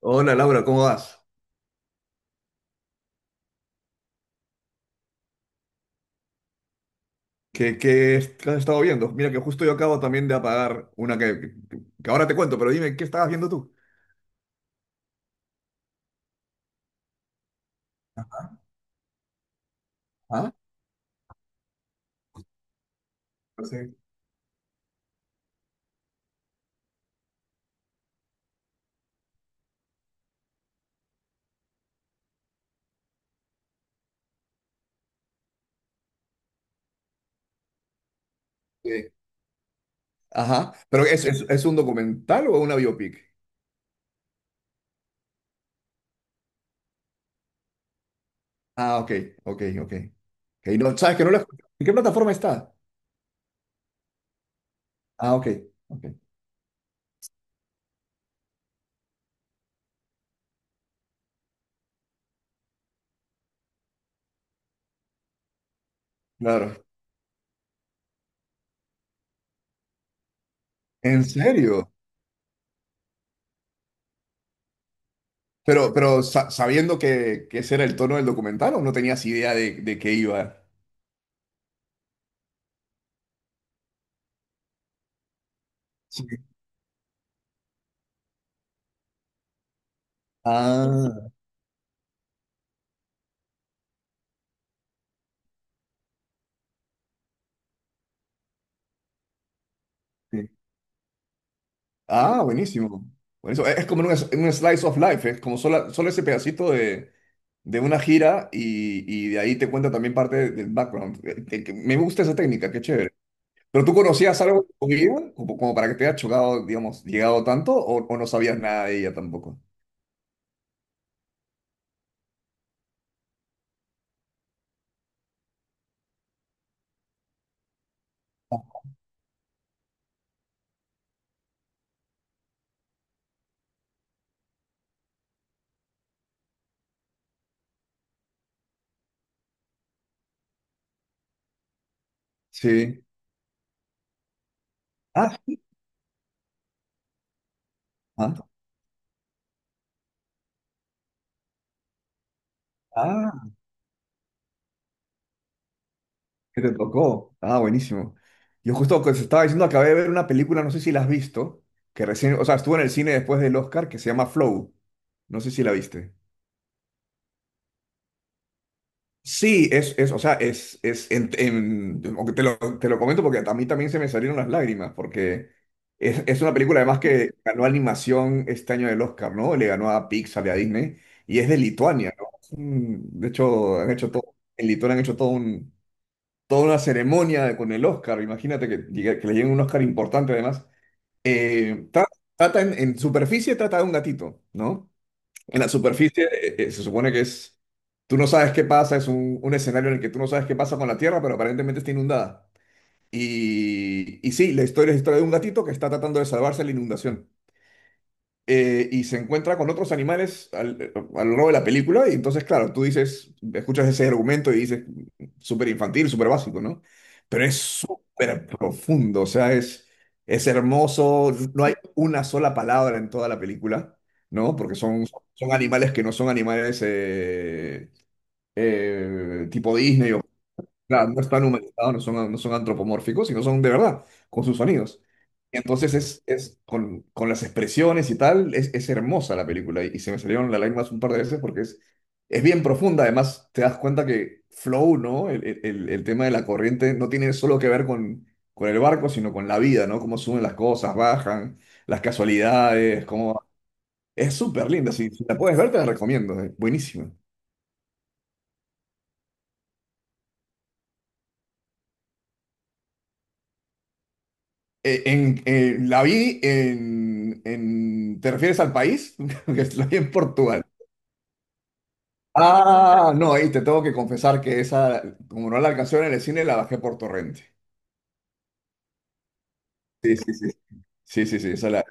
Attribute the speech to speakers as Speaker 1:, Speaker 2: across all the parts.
Speaker 1: Hola Laura, ¿cómo vas? ¿Qué has estado viendo? Mira que justo yo acabo también de apagar una que ahora te cuento, pero dime, ¿qué estabas viendo tú? ¿Ah? No sé. Sí. Ajá, pero ¿es un documental o una biopic? Ah, ok, ok, ok. Ok, no, ¿sabes que no la he escuchado? ¿En qué plataforma está? Ah, ok, ok. Claro. ¿En serio? Pero sabiendo que ese era el tono del documental o no tenías idea de qué iba. Sí. Ah, sí. Ah, buenísimo. Buenísimo. Es como un, es- un slice of life, es como solo ese pedacito de una gira y de ahí te cuenta también parte del background. Que Me gusta esa técnica, qué chévere. ¿Pero tú conocías algo de tu vida? Como, como para que te haya chocado, digamos, llegado tanto o no sabías nada de ella tampoco? Sí. Ah, sí. Ah, ah, que te tocó. Ah, buenísimo. Yo justo que se estaba diciendo, acabé de ver una película, no sé si la has visto, que recién, o sea, estuvo en el cine después del Oscar, que se llama Flow. No sé si la viste. Sí, o sea, es, aunque te lo comento porque a mí también se me salieron las lágrimas, porque es una película además que ganó animación este año del Oscar, ¿no? Le ganó a Pixar y a Disney, y es de Lituania, ¿no? Es un- De hecho, han hecho todo, en Lituania han hecho todo un, toda una ceremonia con el Oscar, imagínate que, llegue- que le llegue un Oscar importante además. Tra- trata en superficie, trata de un gatito, ¿no? En la superficie se supone que es, tú no sabes qué pasa, es un escenario en el que tú no sabes qué pasa con la Tierra, pero aparentemente está inundada. Y sí, la historia es la historia de un gatito que está tratando de salvarse de la inundación y se encuentra con otros animales al, a lo largo de la película. Y entonces, claro, tú dices, escuchas ese argumento y dices, súper infantil, súper básico, ¿no? Pero es súper profundo, o sea, es hermoso. No hay una sola palabra en toda la película, ¿no? Porque son, son animales que no son animales tipo Disney o... Claro, no están humanizados, no son, no son antropomórficos, sino son de verdad, con sus sonidos. Entonces es con las expresiones y tal, es hermosa la película y se me salieron las lágrimas un par de veces porque es bien profunda. Además, te das cuenta que flow, ¿no? El tema de la corriente no tiene solo que ver con el barco, sino con la vida, ¿no? Cómo suben las cosas, bajan, las casualidades, cómo... Es súper linda, si, si la puedes ver te la recomiendo, es buenísima. La vi en- ¿Te refieres al país? Porque la vi en Portugal. Ah, no, ahí te tengo que confesar que esa, como no la alcancé a ver en el cine, la bajé por torrente. Sí, sí, sí. Sí, sí, sí, esa la...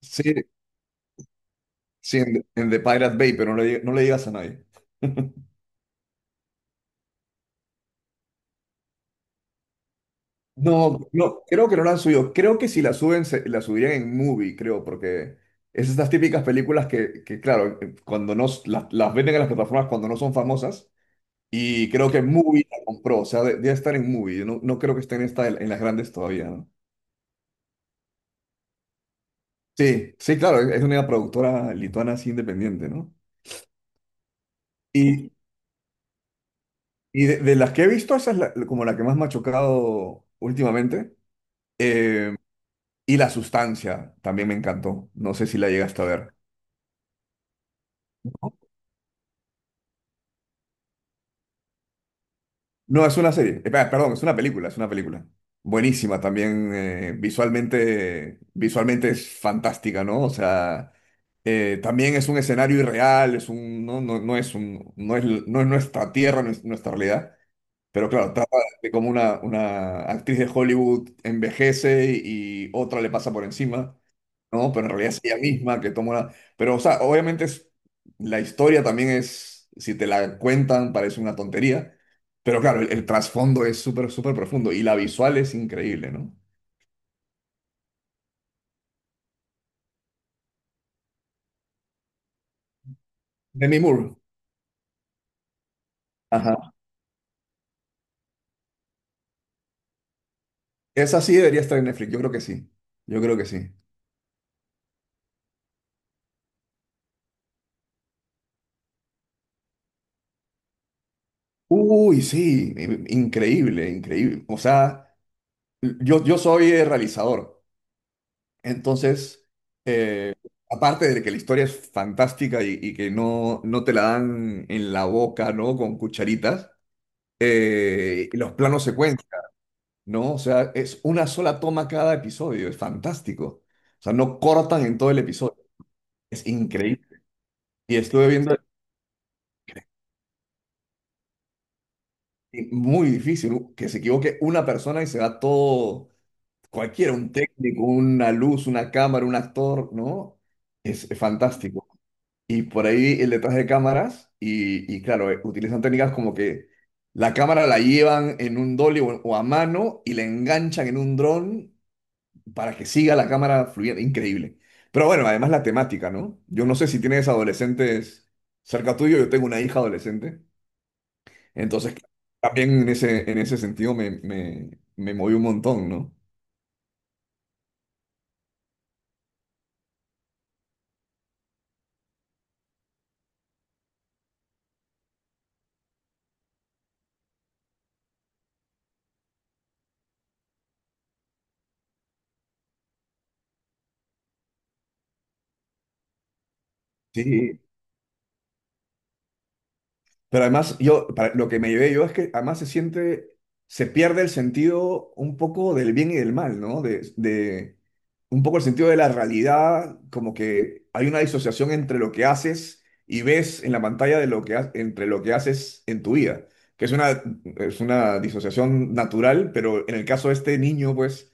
Speaker 1: Sí, sí, en The Pirate Bay, pero no le, diga- no le digas a nadie. No, no, creo que no la han subido. Creo que si la suben, se- la subirían en Movie, creo, porque es estas típicas películas que, claro, cuando no s- las venden en las plataformas cuando no son famosas. Y creo que Movie la compró, o sea, de- debe estar en Movie. Yo no, no creo que esté en, esta, en las grandes todavía, ¿no? Sí, sí, claro, es una productora lituana así independiente, ¿no? Y, y de las que he visto, esa es la- como la que más me ha chocado últimamente. Eh, y La Sustancia también me encantó. No sé si la llegaste a ver. No, es una serie. Pe- Perdón, es una película, es una película. Buenísima también. Visualmente, visualmente es fantástica, ¿no? O sea, también es un escenario irreal, es un, no, no, no es un, no es, no es nuestra tierra, no es nuestra realidad. Pero claro, trata de cómo una actriz de Hollywood envejece y otra le pasa por encima. No, pero en realidad es ella misma que tomó la... Pero, o sea, obviamente es- la historia también es, si te la cuentan, parece una tontería, pero claro, el trasfondo es súper, súper profundo y la visual es increíble, ¿no? Demi Moore. Ajá. Esa sí debería estar en Netflix, yo creo que sí, yo creo que sí. Uy, sí, in- increíble, increíble. O sea, yo soy realizador. Entonces, eh, aparte de que la historia es fantástica y que no, no te la dan en la boca, ¿no? Con cucharitas, los planos secuencia, ¿no? O sea, es una sola toma cada episodio, es fantástico. O sea, no cortan en todo el episodio, es increíble. Y estuve viendo, y muy difícil que se equivoque una persona y se da todo, cualquiera, un técnico, una luz, una cámara, un actor, ¿no? Es fantástico. Y por ahí el detrás de cámaras, y claro, utilizan técnicas como que la cámara la llevan en un dolly o a mano y la enganchan en un dron para que siga la cámara fluyendo. Increíble. Pero bueno, además la temática, ¿no? Yo no sé si tienes adolescentes cerca tuyo, yo tengo una hija adolescente. Entonces, también en ese sentido me moví un montón, ¿no? Sí. Pero además, yo, para- lo que me llevé yo es que además se siente, se pierde el sentido un poco del bien y del mal, ¿no? De- un poco el sentido de la realidad, como que hay una disociación entre lo que haces y ves en la pantalla de lo que ha- entre lo que haces en tu vida, que es una disociación natural, pero en el caso de este niño, pues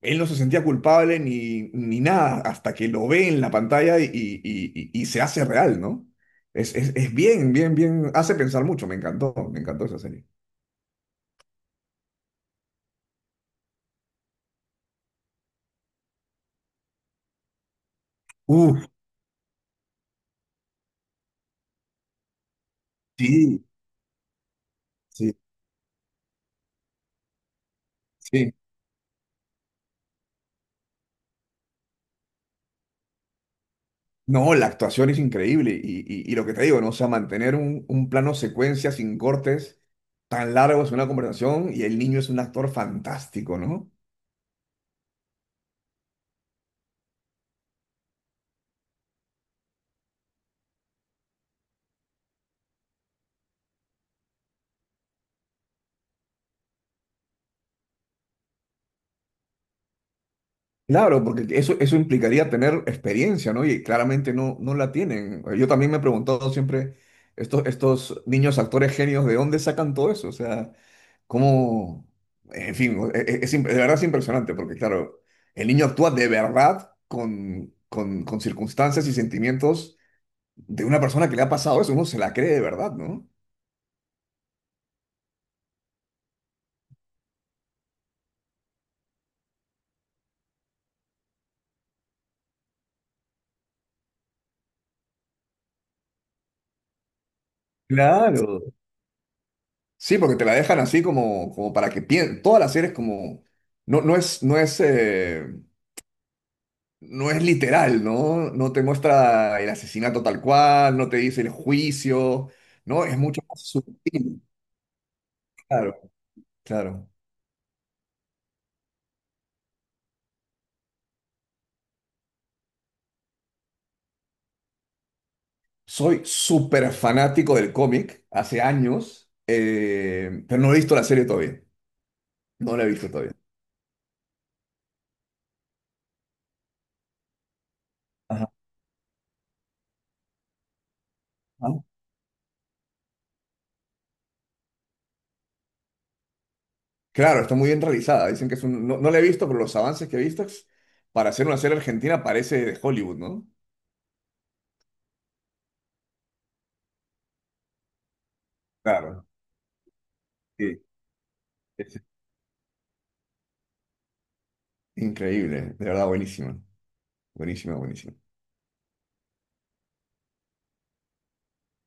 Speaker 1: él no se sentía culpable ni, ni nada hasta que lo ve en la pantalla y se hace real, ¿no? Es bien, bien, bien. Hace pensar mucho. Me encantó esa serie. Uh, sí, sí, sí. No, la actuación es increíble. Y lo que te digo, ¿no? O sea, mantener un plano secuencia sin cortes tan largo es una conversación y el niño es un actor fantástico, ¿no? Claro, porque eso implicaría tener experiencia, ¿no? Y claramente no, no la tienen. Yo también me he preguntado siempre, estos, estos niños actores genios, ¿de dónde sacan todo eso? O sea, cómo... En fin, e- e- es, imp- de verdad es impresionante, porque claro, el niño actúa de verdad con circunstancias y sentimientos de una persona que le ha pasado eso. Uno se la cree de verdad, ¿no? Claro. Sí, porque te la dejan así como, como para que piensen. Toda la serie es como... No, no es, no es. No es literal, ¿no? No te muestra el asesinato tal cual, no te dice el juicio, ¿no? Es mucho más sutil. Claro, claro. Soy súper fanático del cómic, hace años, pero no he visto la serie todavía. No la he visto todavía. Ajá. Ajá. Claro, está muy bien realizada. Dicen que es un... No, no la he visto, pero los avances que he visto es- para hacer una serie argentina parece de Hollywood, ¿no? Claro, sí. Es increíble, de verdad, buenísima. Buenísima, buenísima.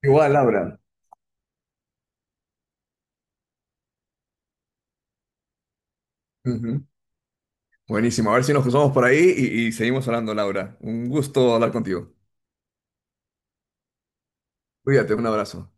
Speaker 1: Igual, Laura. Ujú. Buenísimo. A ver si nos cruzamos por ahí y seguimos hablando, Laura. Un gusto hablar contigo. Cuídate, un abrazo.